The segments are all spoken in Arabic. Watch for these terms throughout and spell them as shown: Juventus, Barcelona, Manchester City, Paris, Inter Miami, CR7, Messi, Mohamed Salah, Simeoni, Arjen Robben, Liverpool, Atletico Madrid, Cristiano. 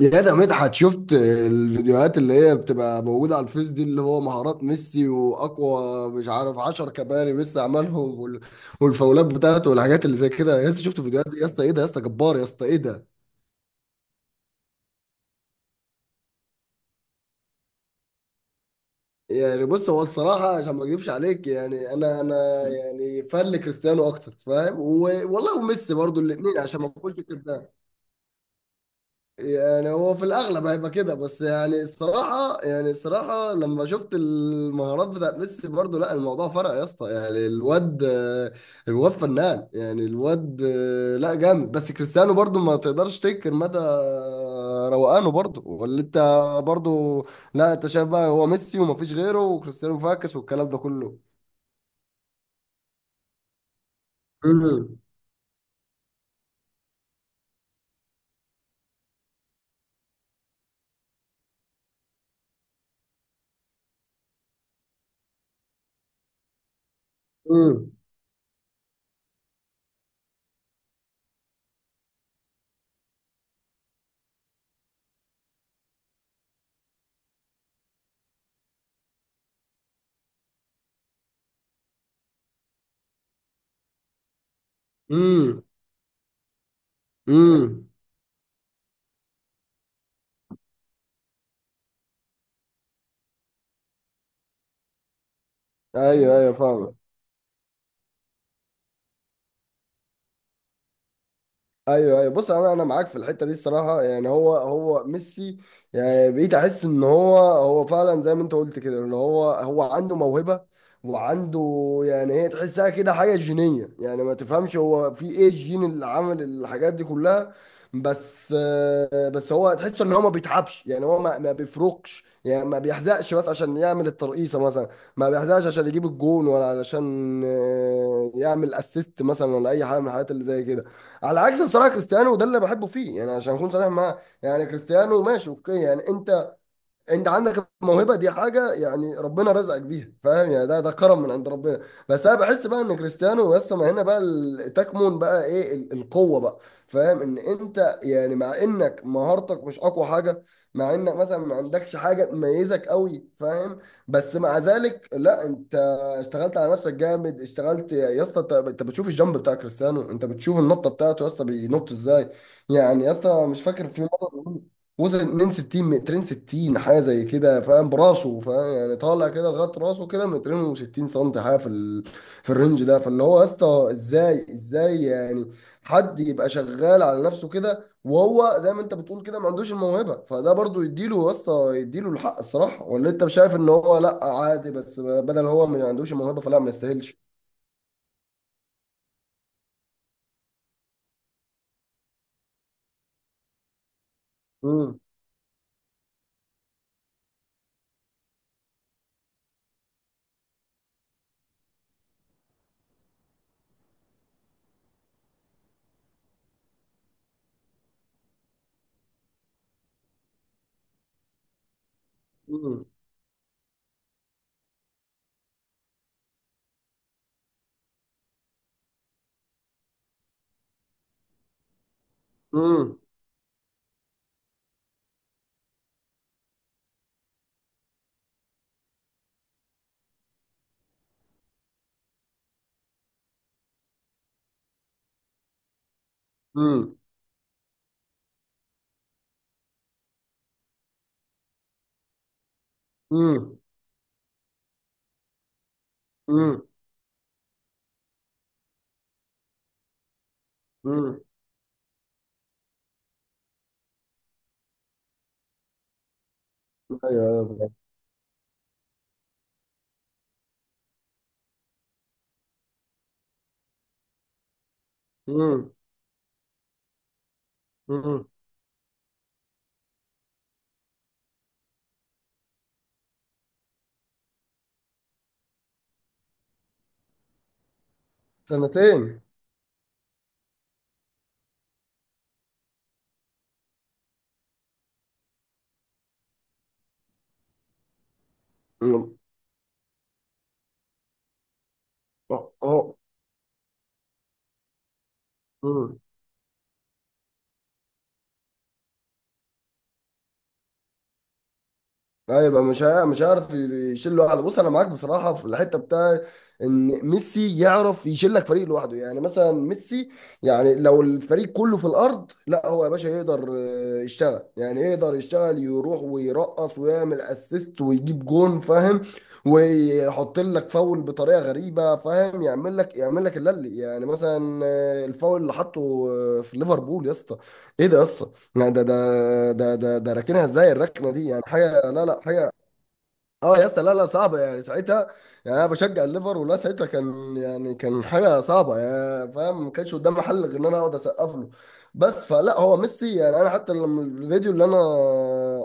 يا، ده مدحت! شفت الفيديوهات اللي هي بتبقى موجودة على الفيس دي، اللي هو مهارات ميسي وأقوى مش عارف 10 كباري ميسي عملهم والفاولات بتاعته والحاجات اللي زي كده. يا اسطى شفت الفيديوهات دي؟ يا اسطى إيه ده! يا اسطى جبار! يا اسطى إيه ده! يعني بص، هو الصراحة عشان ما أكذبش عليك، يعني أنا يعني فان لكريستيانو أكتر، فاهم؟ والله، وميسي برضو الاتنين، عشان ما أكونش كده. يعني هو في الاغلب هيبقى كده، بس يعني الصراحه لما شفت المهارات بتاعت ميسي برضو، لا الموضوع فرق يا اسطى، يعني الواد فنان. يعني الواد، لا، جامد. بس كريستيانو برضو ما تقدرش تنكر مدى روقانه، برضو. ولا انت؟ برضو. لا انت شايف بقى هو ميسي وما فيش غيره، وكريستيانو فاكس والكلام ده كله. امم. امم. امم. امم. ايوه، ايوه، فاهم. ايوه، ايوه، بص، انا معاك في الحته دي الصراحه. يعني هو هو ميسي، يعني بقيت احس ان هو هو فعلا زي ما انت قلت كده، ان هو هو عنده موهبه وعنده، يعني هي تحسها كده حاجه جينيه، يعني ما تفهمش هو في ايه الجين اللي عمل الحاجات دي كلها. بس بس هو تحس ان هو ما بيتعبش، يعني هو ما, ما بيفرقش، يعني ما بيحزقش بس عشان يعمل الترقيصه مثلا، ما بيحزقش عشان يجيب الجون، ولا علشان يعمل اسيست مثلا، ولا اي حاجه من الحاجات اللي زي كده. على عكس الصراحه كريستيانو، وده اللي بحبه فيه، يعني عشان اكون صريح معاه. يعني كريستيانو ماشي، اوكي، يعني انت عندك الموهبه دي، حاجه يعني ربنا رزقك بيها، فاهم؟ يعني ده كرم من عند ربنا. بس انا بحس بقى ان كريستيانو، بس ما هنا بقى تكمن بقى ايه القوه بقى، فاهم؟ ان انت يعني مع انك مهارتك مش اقوى حاجه، مع انك مثلا ما عندكش حاجه تميزك قوي، فاهم؟ بس مع ذلك، لا، انت اشتغلت على نفسك جامد. اشتغلت يا اسطى. انت بتشوف الجامب بتاع كريستيانو، انت بتشوف النطه بتاعته، يا اسطى بينط ازاي؟ يعني يا اسطى مش فاكر في مره وزن 2 60، مترين 60 حاجه زي كده، فاهم؟ براسه، فاهم؟ يعني طالع كده لغايه راسه كده، مترين و60 سم، حاجه في في الرينج ده. فاللي هو يا اسطى ازاي يعني حد يبقى شغال على نفسه كده، وهو زي ما انت بتقول كده ما عندوش الموهبه؟ فده برضو يديله يا اسطى، يديله الحق الصراحه. ولا انت شايف ان هو لا عادي؟ بس بدل هو ما عندوش الموهبه، فلا ما يستاهلش. امم. امم. امم. امم. امم. امم. ايوه، ايوه. امم. سنتين. مم. اه، اه. مم. لا يبقى مش مش هيعرف يشيل لوحده. بص انا معاك بصراحه في الحته بتاع ان ميسي يعرف يشيل لك فريق لوحده. يعني مثلا ميسي، يعني لو الفريق كله في الارض، لا هو يا باشا يقدر يشتغل، يعني يقدر يشتغل، يروح ويرقص ويعمل اسيست ويجيب جون، فاهم؟ ويحط لك فاول بطريقه غريبه، فاهم؟ يعمل لك اللي يعني مثلا الفاول اللي حطه في ليفربول يا اسطى، ايه ده يا اسطى! لا ده راكنها ازاي الركنه دي؟ يعني حاجه، لا لا، حاجه. اه يا اسطى، لا لا، صعبه يعني ساعتها. يعني انا بشجع الليفر، ولا ساعتها كان يعني كان حاجه صعبه، يعني فاهم ما كانش قدامي حل غير ان انا اقعد اسقف له بس. فلا هو ميسي، يعني انا حتى لما الفيديو اللي انا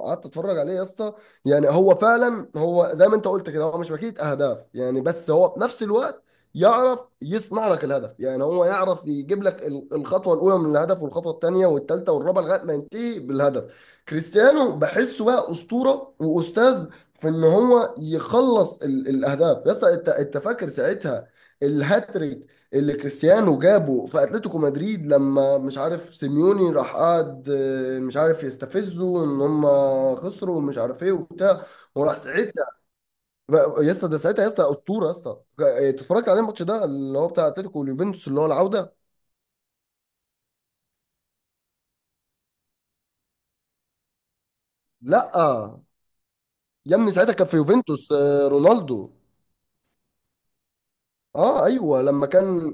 قعدت اتفرج عليه يا اسطى، يعني هو فعلا، هو زي ما انت قلت كده، هو مش ماكينه اهداف يعني، بس هو في نفس الوقت يعرف يصنع لك الهدف. يعني هو يعرف يجيب لك الخطوه الاولى من الهدف، والخطوه الثانيه والثالثه والرابعه لغايه ما ينتهي بالهدف. كريستيانو بحسه بقى اسطوره واستاذ في ان هو يخلص الاهداف يا اسطى. انت فاكر ساعتها الهاتريك اللي كريستيانو جابه في اتلتيكو مدريد، لما مش عارف سيميوني راح قعد مش عارف يستفزه، ان هم خسروا ومش عارف ايه وبتاع، وراح ساعتها يا اسطى ده ساعتها، يا اسطى اسطوره يا اسطى. اتفرجت عليه الماتش ده اللي هو بتاع اتلتيكو واليوفنتوس اللي هو العوده. لا يا ابني، ساعتها كان في يوفنتوس رونالدو. اه، ايوه، لما كان،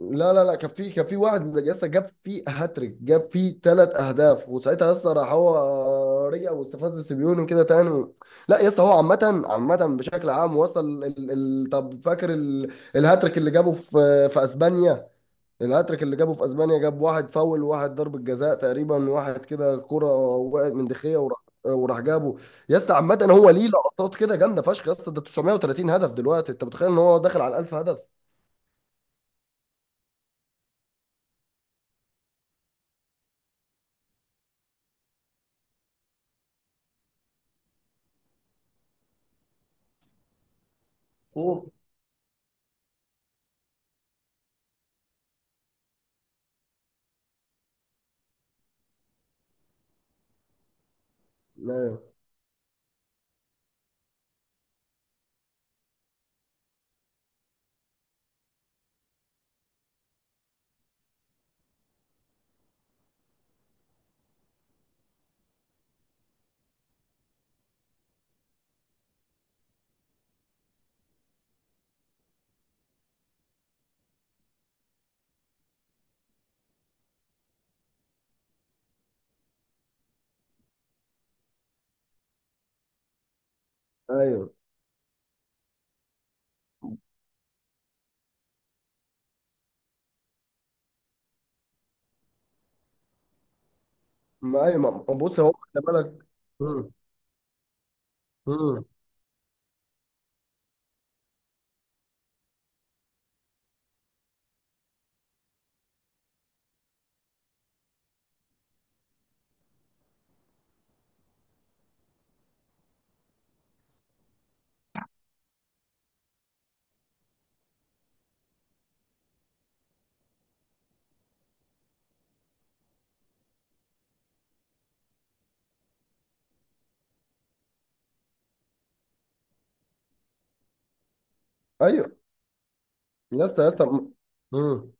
لا لا لا، كان في واحد لسه جاب فيه هاتريك، جاب فيه ثلاث اهداف، وساعتها لسه راح هو، رجع واستفز سيميوني كده تاني. لا لسه هو عامة بشكل عام، وصل طب فاكر الهاتريك اللي جابه في اسبانيا. الهاتريك اللي جابه في اسبانيا، جاب واحد فاول، وواحد ضربة جزاء تقريبا، واحد كده كرة وقعت من دخية، وراح جابه. يا اسطى عامة هو ليه لقطات كده جامدة فشخ يا اسطى، ده 930 هدف دلوقتي، انت متخيل ان هو داخل على 1000 هدف؟ اوه. لا. ايوه. ما ايوه. بص هو، خلي بالك. مم. مم. ايوه يا اسطى، يا اسطى. مم. مم.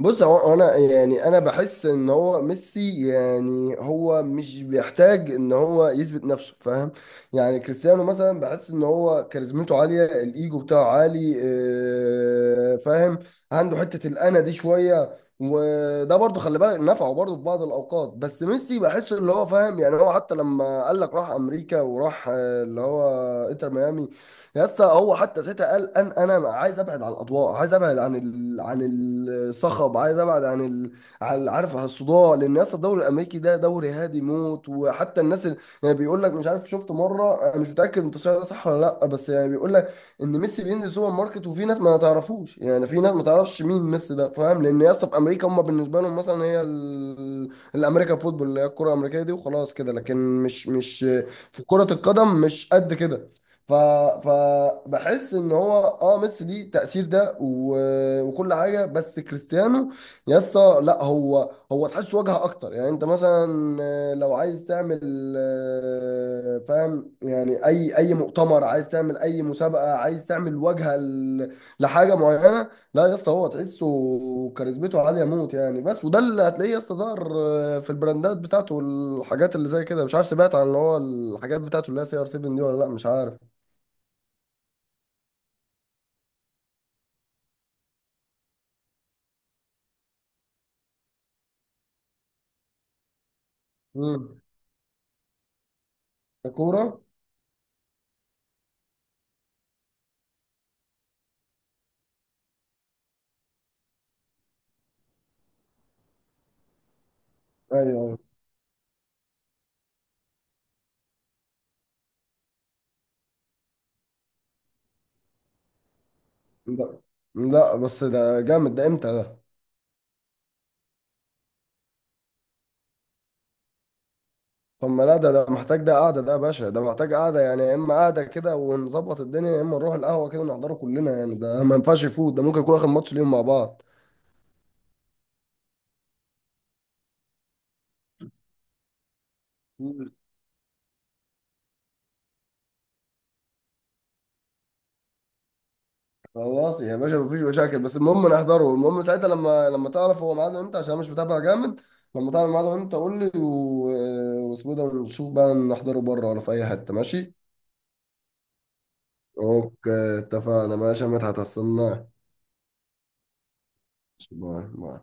بص، هو انا يعني انا بحس ان هو ميسي يعني هو مش بيحتاج ان هو يثبت نفسه، فاهم؟ يعني كريستيانو مثلا بحس ان هو كاريزمته عاليه، الايجو بتاعه عالي، فاهم؟ عنده حته الانا دي شويه، وده برضه خلي بالك نفعه برضه في بعض الاوقات. بس ميسي بحس اللي هو فاهم، يعني هو حتى لما قال لك راح امريكا، وراح اللي هو انتر ميامي. يا اسطى هو حتى ساعتها قال ان انا عايز ابعد عن الاضواء، عايز ابعد عن الصخب، عايز ابعد عن عارف، عن الصداع. لان يا اسطى الدوري الامريكي ده دوري هادي موت. وحتى الناس اللي يعني بيقول لك مش عارف، شفت مره، انا مش متاكد انت ده صح ولا لا، بس يعني بيقول لك ان ميسي بينزل سوبر ماركت وفي ناس ما تعرفوش، يعني في ناس ما تعرفش مين ميسي ده، فاهم؟ لان يا اسطى في امريكا هم بالنسبه لهم مثلا هي الامريكان فوتبول اللي هي الكره الامريكيه دي، وخلاص كده. لكن مش في كره القدم مش قد كده. ف فبحس ان هو، اه، ميسي ليه تأثير ده وكل حاجه. بس كريستيانو يا اسطى، لا، هو تحس واجهه اكتر. يعني انت مثلا لو عايز تعمل فاهم يعني اي مؤتمر، عايز تعمل اي مسابقه، عايز تعمل واجهه لحاجه معينه. لا يا اسطى هو تحسه كاريزمته عاليه موت يعني. بس وده اللي هتلاقيه يا اسطى، ظهر في البراندات بتاعته والحاجات اللي زي كده. مش عارف سمعت عن اللي هو الحاجات بتاعته اللي هي CR7 دي ولا لا؟ مش عارف. امم. كورة. ايوه، ايوه. لا لا، بس ده جامد، ده امتى ده؟ طب ما لا، ده محتاج، ده قعدة. ده يا باشا ده محتاج قعدة يعني، يا اما قعدة كده ونظبط الدنيا، يا اما نروح القهوة كده نحضره كلنا. يعني ده ما ينفعش يفوت، ده ممكن يكون اخر ماتش ليهم مع بعض. مم. خلاص يا باشا، مفيش مشاكل، بس المهم نحضره. المهم ساعتها لما تعرف هو ميعاده امتى، عشان أنا مش متابع جامد. لما تعرف ميعاده امتى قول لي، واسمه ده، ونشوف بقى نحضره بره ولا في اي حتة. ماشي اوكي، اتفقنا، ماشي يا مدحت، هستناك. باي باي.